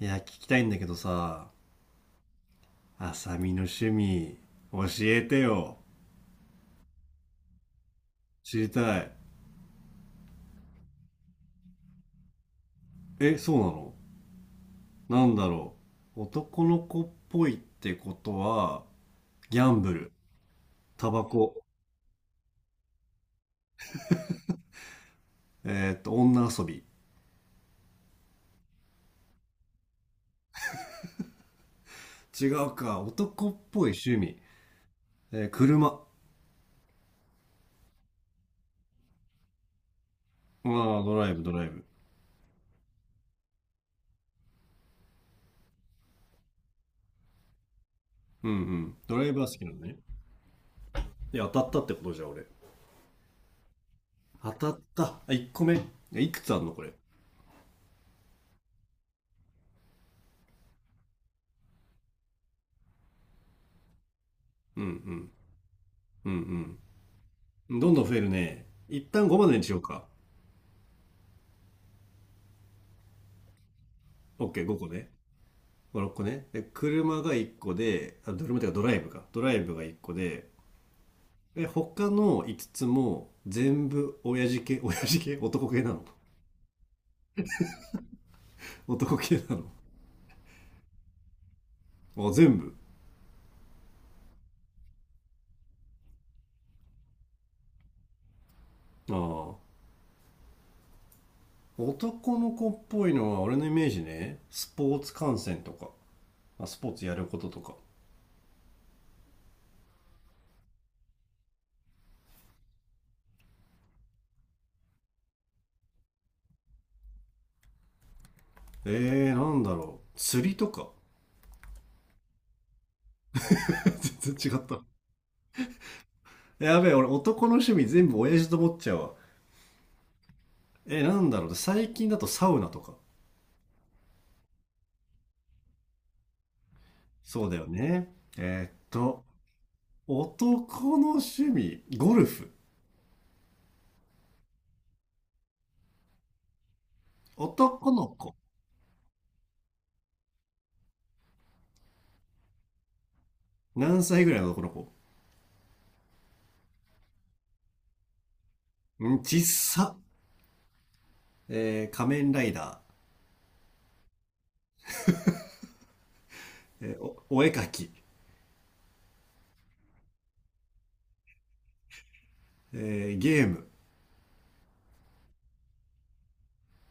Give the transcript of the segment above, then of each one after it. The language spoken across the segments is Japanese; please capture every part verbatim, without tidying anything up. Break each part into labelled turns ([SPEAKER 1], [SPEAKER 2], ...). [SPEAKER 1] いや、聞きたいんだけどさ、あさみの趣味、教えてよ。知りたい。え、そうなの。なんだろう。男の子っぽいってことは、ギャンブル、タバコ、えーっと、女遊び。違うか、男っぽい趣味。えー車。ああ、ドライブ、ドライブ。うんうん。ドライブは好きなのね。いや、当たったってことじゃん、俺。当たった。あ、いっこめ。え、いくつあんの、これ。うんうん。うんうん。どんどん増えるね。一旦ごまでにしようか。OK、ごこね。ご、ろっこね。で、車がいっこで、あ、車っていうかドライブか。ドライブがいっこで、で、他の5つつも全部親父系、親父系男系なの？男系なのあ、全部。ああ。男の子っぽいのは俺のイメージね。スポーツ観戦とか。あ、スポーツやることとか。えー、なんだろう。釣りとか。全然違った。やべえ、俺男の趣味全部親父と思っちゃうわ。えー、なんだろう。最近だとサウナとか。そうだよね。えーっと、男の趣味、ゴルフ。男の子。何歳ぐらいの男の子？うん、ちっさ。えー仮面ライダー。えーお、お絵描き。えーゲーム。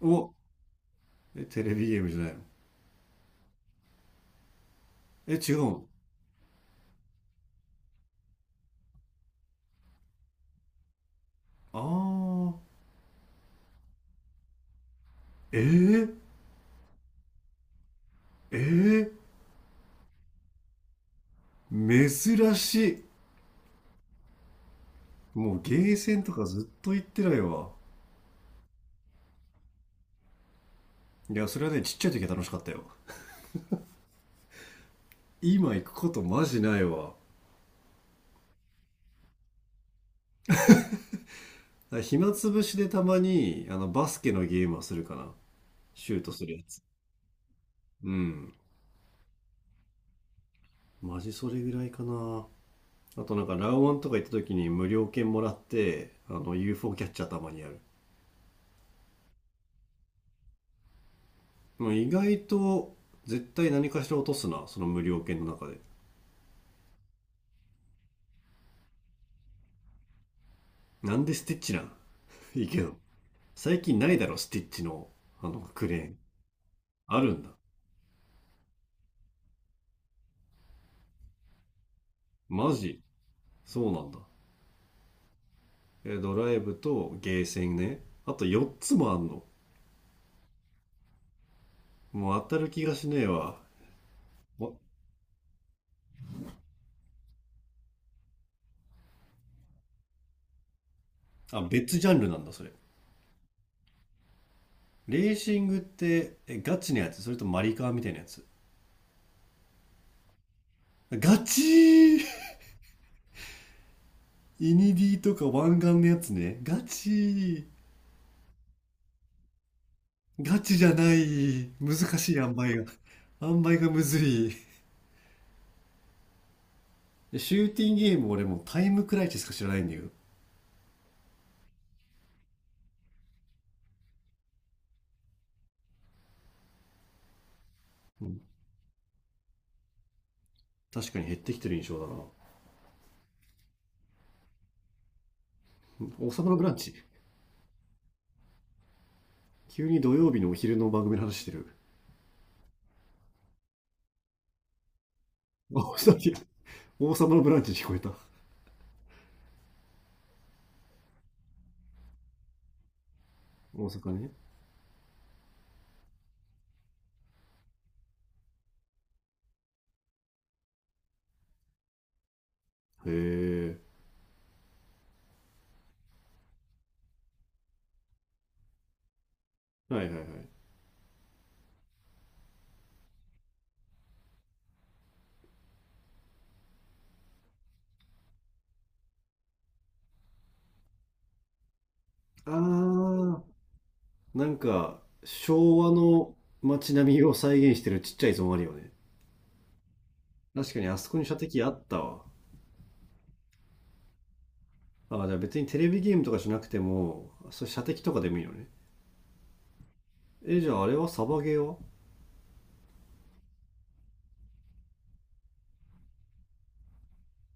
[SPEAKER 1] お、え、テレビゲームじゃないの？え、違うの？あー。えー、えー、珍しい。もうゲーセンとかずっと行ってないわ。いや、それはね、ちっちゃい時は楽しかったよ。今行くことマジないわ。だから暇つぶしでたまにあのバスケのゲームはするかな。シュートするやつ。うん。マジそれぐらいかな。あとなんかラウワンとか行った時に無料券もらって、あの ユーエフオー キャッチャーたまにやる。もう意外と絶対何かしら落とすな、その無料券の中で。なんでスティッチなん？ いいけど。最近ないだろ、スティッチのあのクレーン。あるんだ。マジ？そうなんだ。え、ドライブとゲーセンね。あとよっつもあんの。もう当たる気がしねえわ。あ、別ジャンルなんだ、それ。レーシングって、え、ガチのやつ？それともマリカーみたいなやつ？ガチ？ーイニディとか湾岸のやつね。ガチ？ーガチじゃない。難しい塩梅が。塩梅がむずい。でシューティングゲーム俺もうタイムクライチしか知らないんだよ。うん、確かに減ってきてる印象だな。うん、王様のブランチ。急に土曜日のお昼の番組の話してる。王様王様のブランチに聞こえた。大阪ね。へえ。はいはいはい。あー。なんか昭和の街並みを再現してるちっちゃいゾーンあるよね。確かにあそこに射的あったわ。あ、じゃあ別にテレビゲームとかじゃなくても、それ射的とかでもいいよね。え、じゃああれはサバゲーは？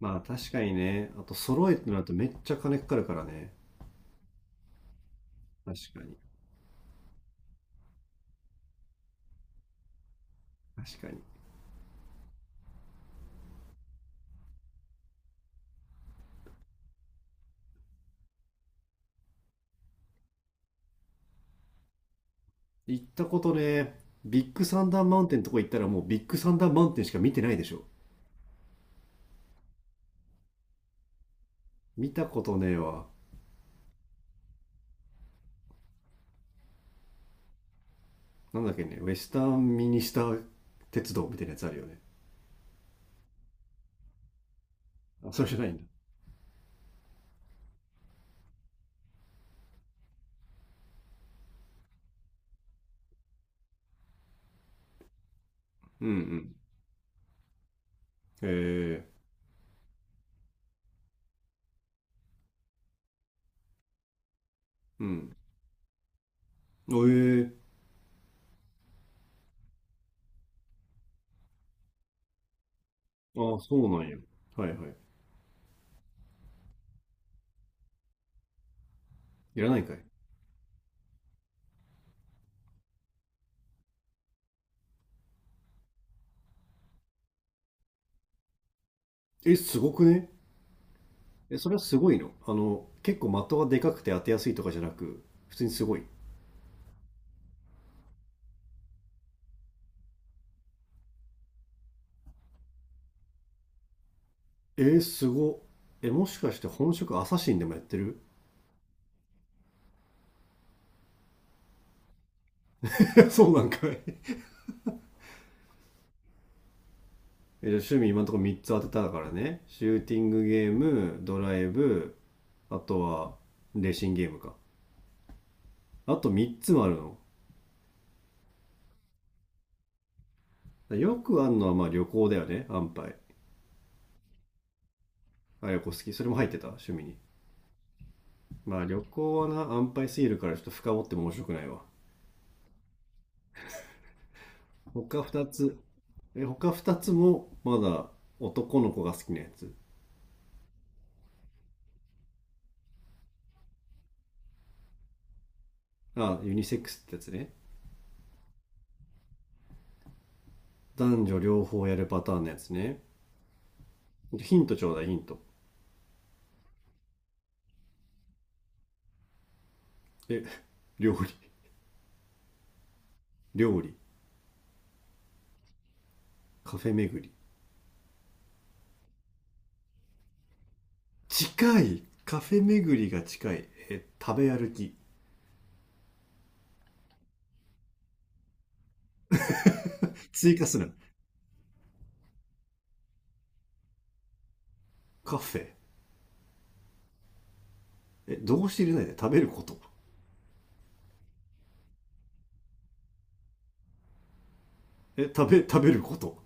[SPEAKER 1] まあ確かにね。あと揃えてなるとめっちゃ金かかるからね。確かに。確かに。行ったことね、ビッグサンダーマウンテンとこ行ったらもうビッグサンダーマウンテンしか見てないでしょ。見たことねえわ。なんだっけね、ウェスタンミニスター鉄道みたいなやつあるよね。あ、それじゃないんだ。うんうん、ええ、うん。ええ、ああ、そうなんや。はいはい。いらないかい。え、すごくね？え、それはすごいの？あの、結構的がでかくて当てやすいとかじゃなく、普通にすごい。えー、すご。え、もしかして本職アサシンでもやってる？ そうなんかい。え、じゃあ趣味今のところみっつ当てたからね。シューティングゲーム、ドライブ、あとはレーシングゲームか。あとみっつもあるの？よくあるのはまあ旅行だよね、安牌。あ、旅行好き。それも入ってた、趣味に。まあ旅行はな、安牌すぎるからちょっと深掘っても面白くないわ。他ふたつ？え、他ふたつもまだ男の子が好きなやつ？あ、ユニセックスってやつね。男女両方やるパターンのやつね。ヒントちょうだい、ヒント。え、料理？料理？カフェ巡り？近い？カフェ巡りが近い？え、食べ歩き？追加する？カフェ、え、動詞入れないで食べること？え、食べ食べること？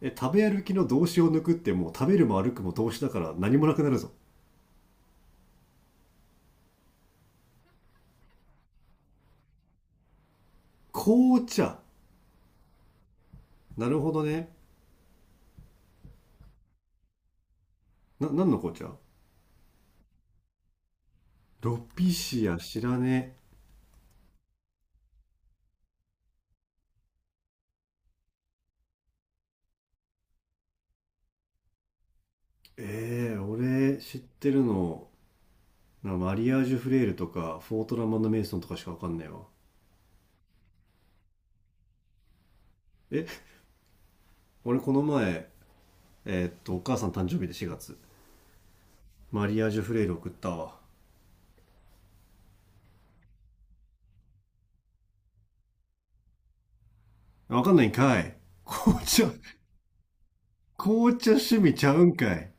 [SPEAKER 1] え、食べ歩きの動詞を抜くってもう食べるも歩くも動詞だから何もなくなるぞ。紅茶。なるほどね。な、何の紅茶？ロピシア知らねえ。えー、俺知ってるの、な、マリアージュフレールとか、フォートラマンド・メイソンとかしかわかんないわ。え、俺この前、えーっと、お母さん誕生日でしがつ、マリアージュフレール送ったわ。わかんないんかい。紅茶、紅茶趣味ちゃうんかい。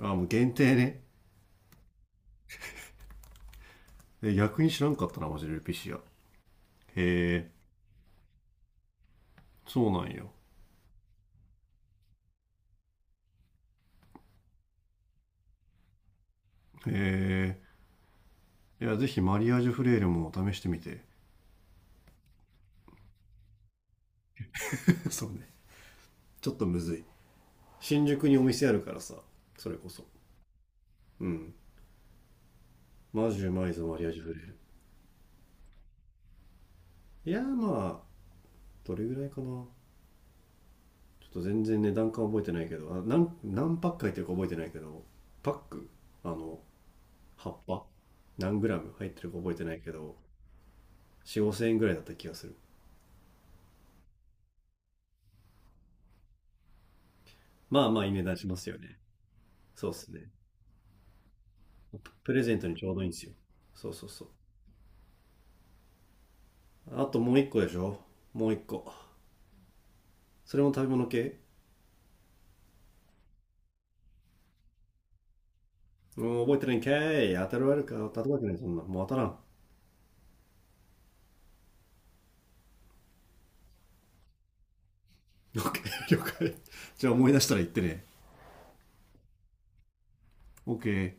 [SPEAKER 1] あ、もう限定ね。え、逆に知らんかったな、マジでルピシア。へえ、そうなんよ。へえ。いや、ぜひマリアージュフレールも試してみて。そうね。ちょっとむずい。新宿にお店あるからさ、それこそ。うん、マジうまいぞマリアージュフレール。いやー、まあどれぐらいかな、ちょっと全然値段感覚えてないけど、あ、何何パック入ってるか覚えてないけど、パック、あの葉っぱ何グラム入ってるか覚えてないけど、よん、 ごせん円ぐらいだった気がする。まあまあいい値段しますよね。そうっすね。プレゼントにちょうどいいんですよ。そうそうそう。あともう一個でしょ。もう一個、それも食べ物系？もう覚えてないんかい。当たるわるか、当たるわけない、そんな。もう当たらん。オッケー、了解。じゃあ思い出したら言ってね。オッケー。